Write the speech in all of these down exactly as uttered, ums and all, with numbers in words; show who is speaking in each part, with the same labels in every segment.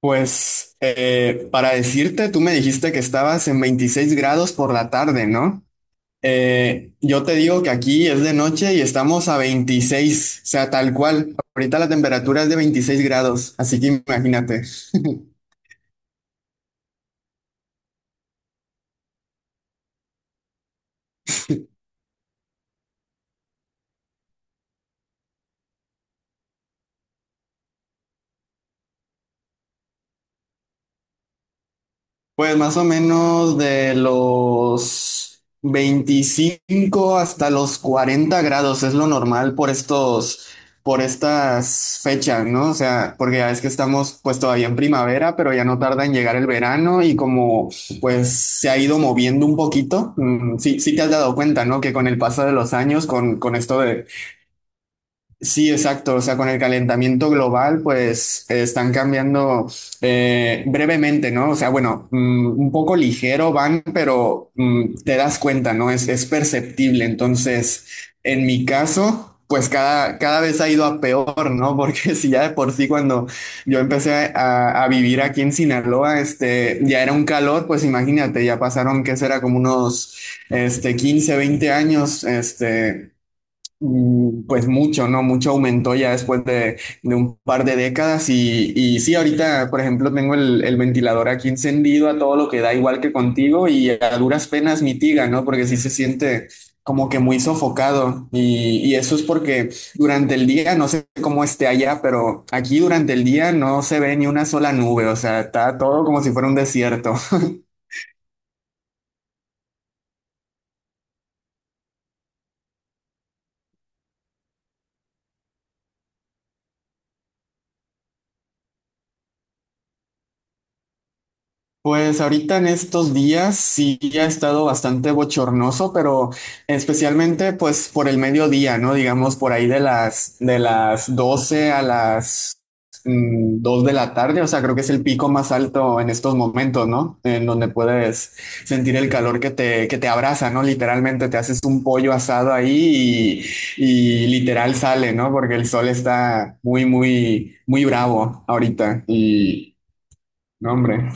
Speaker 1: Pues eh, para decirte, tú me dijiste que estabas en veintiséis grados por la tarde, ¿no? Eh, yo te digo que aquí es de noche y estamos a veintiséis, o sea, tal cual. Ahorita la temperatura es de veintiséis grados, así que imagínate. Pues más o menos de los veinticinco hasta los cuarenta grados es lo normal por estos, por estas fechas, ¿no? O sea, porque ya es que estamos pues todavía en primavera, pero ya no tarda en llegar el verano y como pues se ha ido moviendo un poquito. Mm, sí, sí te has dado cuenta, ¿no? Que con el paso de los años, con, con esto de... Sí, exacto. O sea, con el calentamiento global, pues eh, están cambiando eh, brevemente, ¿no? O sea, bueno, mm, un poco ligero van, pero mm, te das cuenta, ¿no? Es, es perceptible. Entonces, en mi caso, pues cada, cada vez ha ido a peor, ¿no? Porque si ya de por sí cuando yo empecé a, a vivir aquí en Sinaloa, este, ya era un calor, pues imagínate, ya pasaron, ¿qué será? Como unos, este, quince, veinte años, este Mm, Pues mucho, ¿no? Mucho aumentó ya después de, de un par de décadas y, y sí, ahorita, por ejemplo, tengo el, el ventilador aquí encendido a todo lo que da, igual que contigo, y a duras penas mitiga, ¿no? Porque sí se siente como que muy sofocado y, y eso es porque durante el día, no sé cómo esté allá, pero aquí durante el día no se ve ni una sola nube, o sea, está todo como si fuera un desierto. Pues ahorita en estos días sí ha estado bastante bochornoso, pero especialmente pues por el mediodía, ¿no? Digamos por ahí de las de las doce a las mm, dos de la tarde, o sea, creo que es el pico más alto en estos momentos, ¿no? En donde puedes sentir el calor que te que te abraza, ¿no? Literalmente te haces un pollo asado ahí y, y literal sale, ¿no? Porque el sol está muy muy muy bravo ahorita y no, hombre,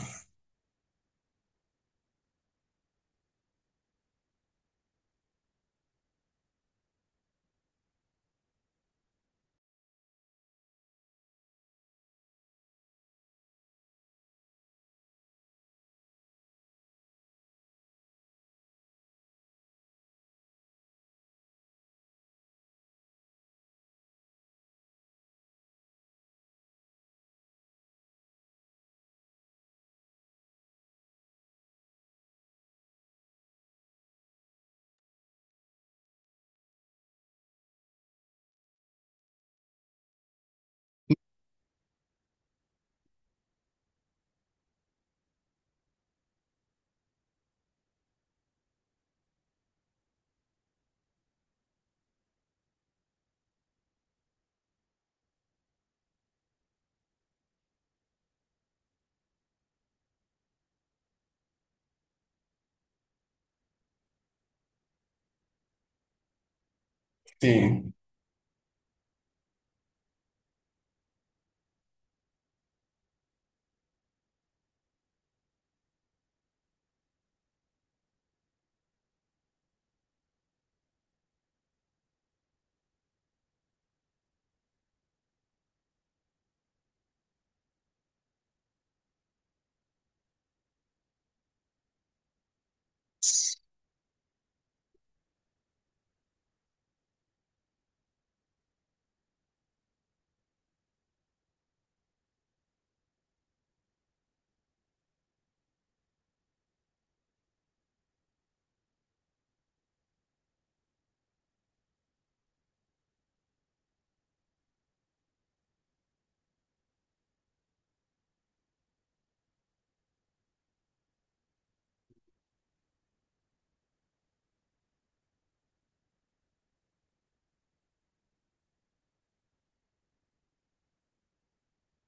Speaker 1: sí.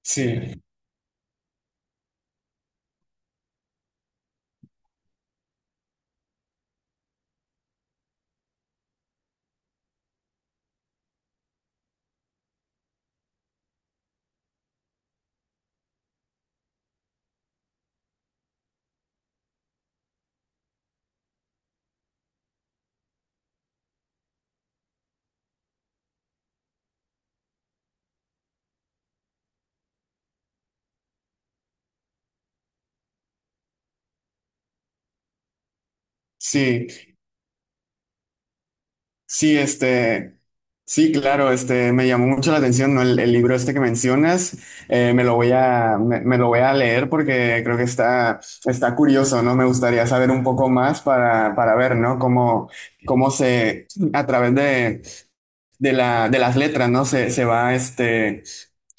Speaker 1: Sí, sí, sí, este, sí, claro, este, me llamó mucho la atención, ¿no? El, el libro este que mencionas, eh, me lo voy a, me, me lo voy a leer porque creo que está, está curioso, ¿no? Me gustaría saber un poco más para, para ver, ¿no? Cómo, cómo se, a través de, de la, de las letras, ¿no? Se, se va este,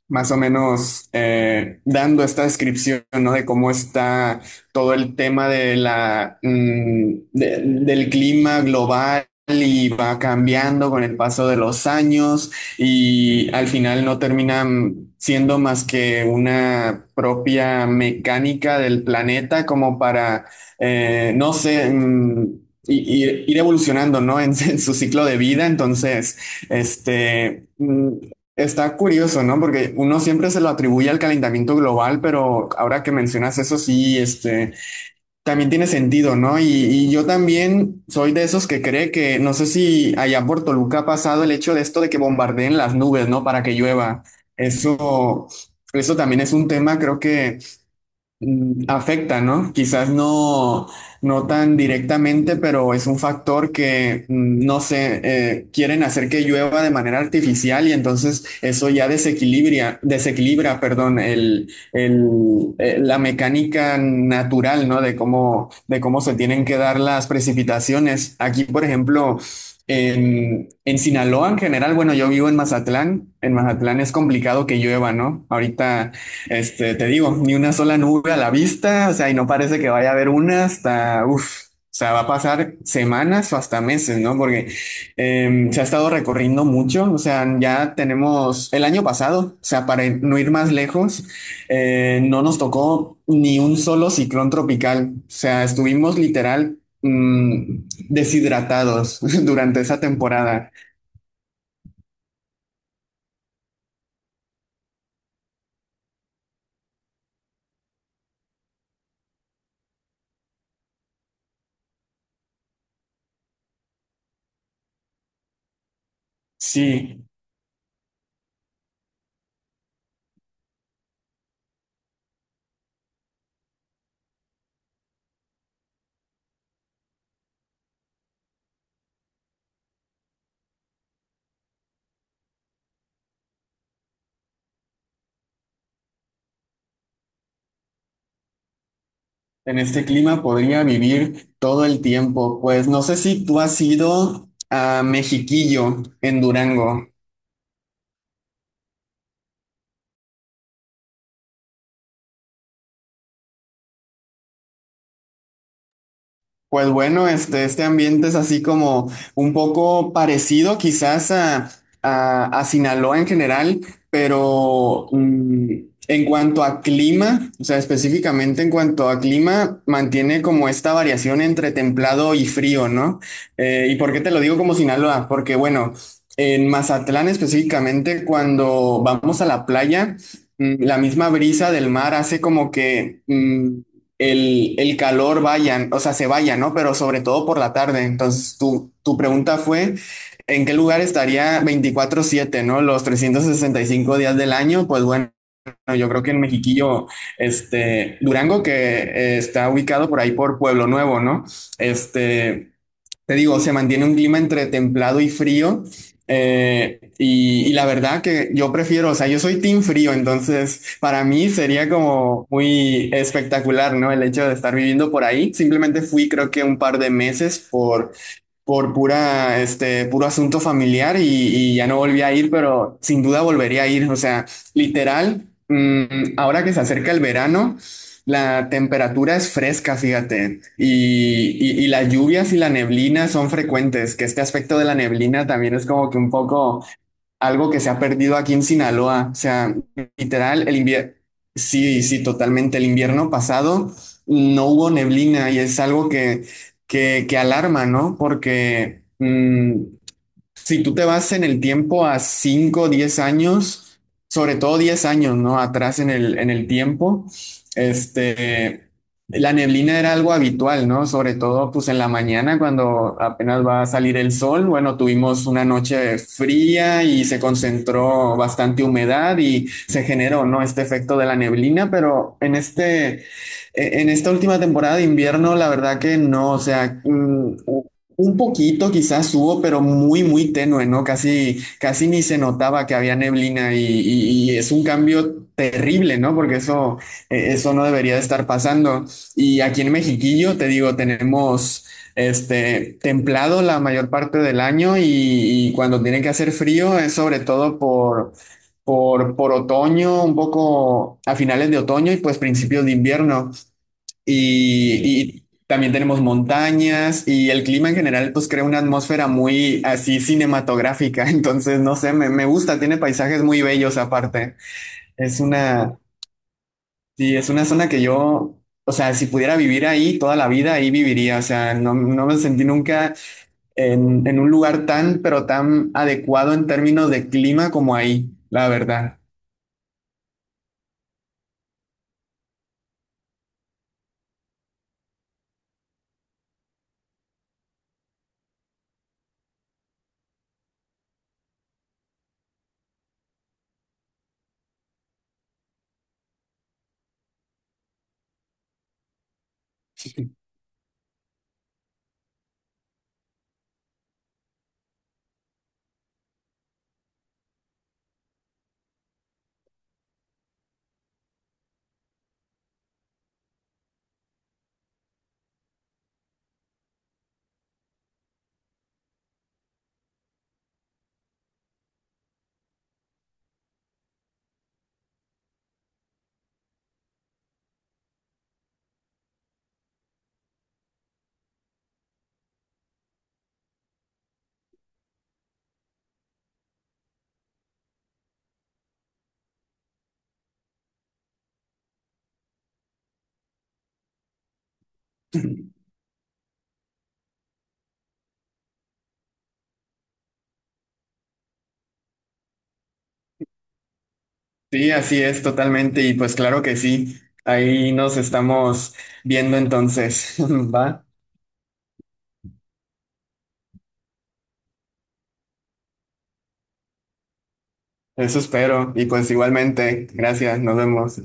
Speaker 1: más o menos eh, dando esta descripción, ¿no? De cómo está todo el tema de la, mm, de- del clima global. Y va cambiando con el paso de los años y al final no terminan siendo más que una propia mecánica del planeta como para, eh, no sé, mm, i- ir, ir evolucionando, ¿no? En, en su ciclo de vida. Entonces, este, mm, está curioso, ¿no? Porque uno siempre se lo atribuye al calentamiento global, pero ahora que mencionas eso, sí, este, también tiene sentido, ¿no? Y, y yo también soy de esos que cree que, no sé si allá por Toluca ha pasado el hecho de esto de que bombardeen las nubes, ¿no? Para que llueva. Eso, eso también es un tema, creo que... Mm, Afecta, ¿no? Quizás no, no tan directamente, pero es un factor que, mm, no sé, eh, quieren hacer que llueva de manera artificial y entonces eso ya desequilibra, desequilibra, perdón, el, el, eh, la mecánica natural, ¿no? De cómo, de cómo se tienen que dar las precipitaciones. Aquí, por ejemplo, en, en Sinaloa en general, bueno, yo vivo en Mazatlán. En Mazatlán es complicado que llueva, ¿no? Ahorita este, te digo, ni una sola nube a la vista, o sea, y no parece que vaya a haber una hasta, uff, o sea, va a pasar semanas o hasta meses, ¿no? Porque eh, se ha estado recorriendo mucho, o sea, ya tenemos el año pasado, o sea, para no ir más lejos, eh, no nos tocó ni un solo ciclón tropical, o sea, estuvimos literal mm, deshidratados durante esa temporada. Sí. En este clima podría vivir todo el tiempo. Pues no sé si tú has ido a Mexiquillo en Durango. Pues bueno, este, este ambiente es así como un poco parecido quizás a, a- a Sinaloa en general, pero mm, en cuanto a clima, o sea, específicamente en cuanto a clima, mantiene como esta variación entre templado y frío, ¿no? Eh, ¿y por qué te lo digo como Sinaloa? Porque bueno, en Mazatlán específicamente, cuando vamos a la playa, mm, la misma brisa del mar hace como que mm, el, el calor vayan, o sea, se vaya, ¿no? Pero sobre todo por la tarde. Entonces, tu, tu pregunta fue, ¿en qué lugar estaría veinticuatro siete, ¿no? Los trescientos sesenta y cinco días del año, pues bueno, yo creo que en Mexiquillo, este, Durango, que eh, está ubicado por ahí por Pueblo Nuevo, ¿no? Este, te digo, se mantiene un clima entre templado y frío. eh, y, y la verdad que yo prefiero, o sea, yo soy team frío, entonces para mí sería como muy espectacular, ¿no? El hecho de estar viviendo por ahí. Simplemente fui creo que un par de meses por por pura, este, puro asunto familiar y, y ya no volví a ir, pero sin duda volvería a ir. O sea, literal, mm, ahora que se acerca el verano, la temperatura es fresca, fíjate, y, y, y las lluvias y la neblina son frecuentes, que este aspecto de la neblina también es como que un poco algo que se ha perdido aquí en Sinaloa. O sea, literal, el invierno, sí, sí, totalmente. El invierno pasado no hubo neblina y es algo que, que, que alarma, ¿no? Porque mm, si tú te vas en el tiempo a cinco diez años, sobre todo diez años, ¿no? Atrás en el, en el tiempo, este, la neblina era algo habitual, ¿no? Sobre todo, pues en la mañana, cuando apenas va a salir el sol, bueno, tuvimos una noche fría y se concentró bastante humedad y se generó, ¿no? Este efecto de la neblina, pero en este... e, en esta última temporada de invierno, la verdad que no, o sea, mm, un poquito quizás hubo, pero muy, muy tenue, ¿no? Casi, casi ni se notaba que había neblina y, y- y es un cambio terrible, ¿no? Porque eso, eh, eso no debería de estar pasando. Y aquí en Mexiquillo, te digo, tenemos este templado la mayor parte del año y, y cuando tiene que hacer frío es sobre todo por, por, por otoño, un poco a finales de otoño y pues principios de invierno. Y, y también tenemos montañas y el clima en general pues crea una atmósfera muy así cinematográfica. Entonces, no sé, me, me gusta, tiene paisajes muy bellos aparte. Es una, sí, es una zona que yo, o sea, si pudiera vivir ahí toda la vida, ahí viviría. O sea, no, no me sentí nunca en, en un lugar tan, pero tan adecuado en términos de clima como ahí, la verdad. Sí, así es totalmente. Y pues claro que sí, ahí nos estamos viendo entonces, ¿va? Eso espero. Y pues igualmente, gracias, nos vemos.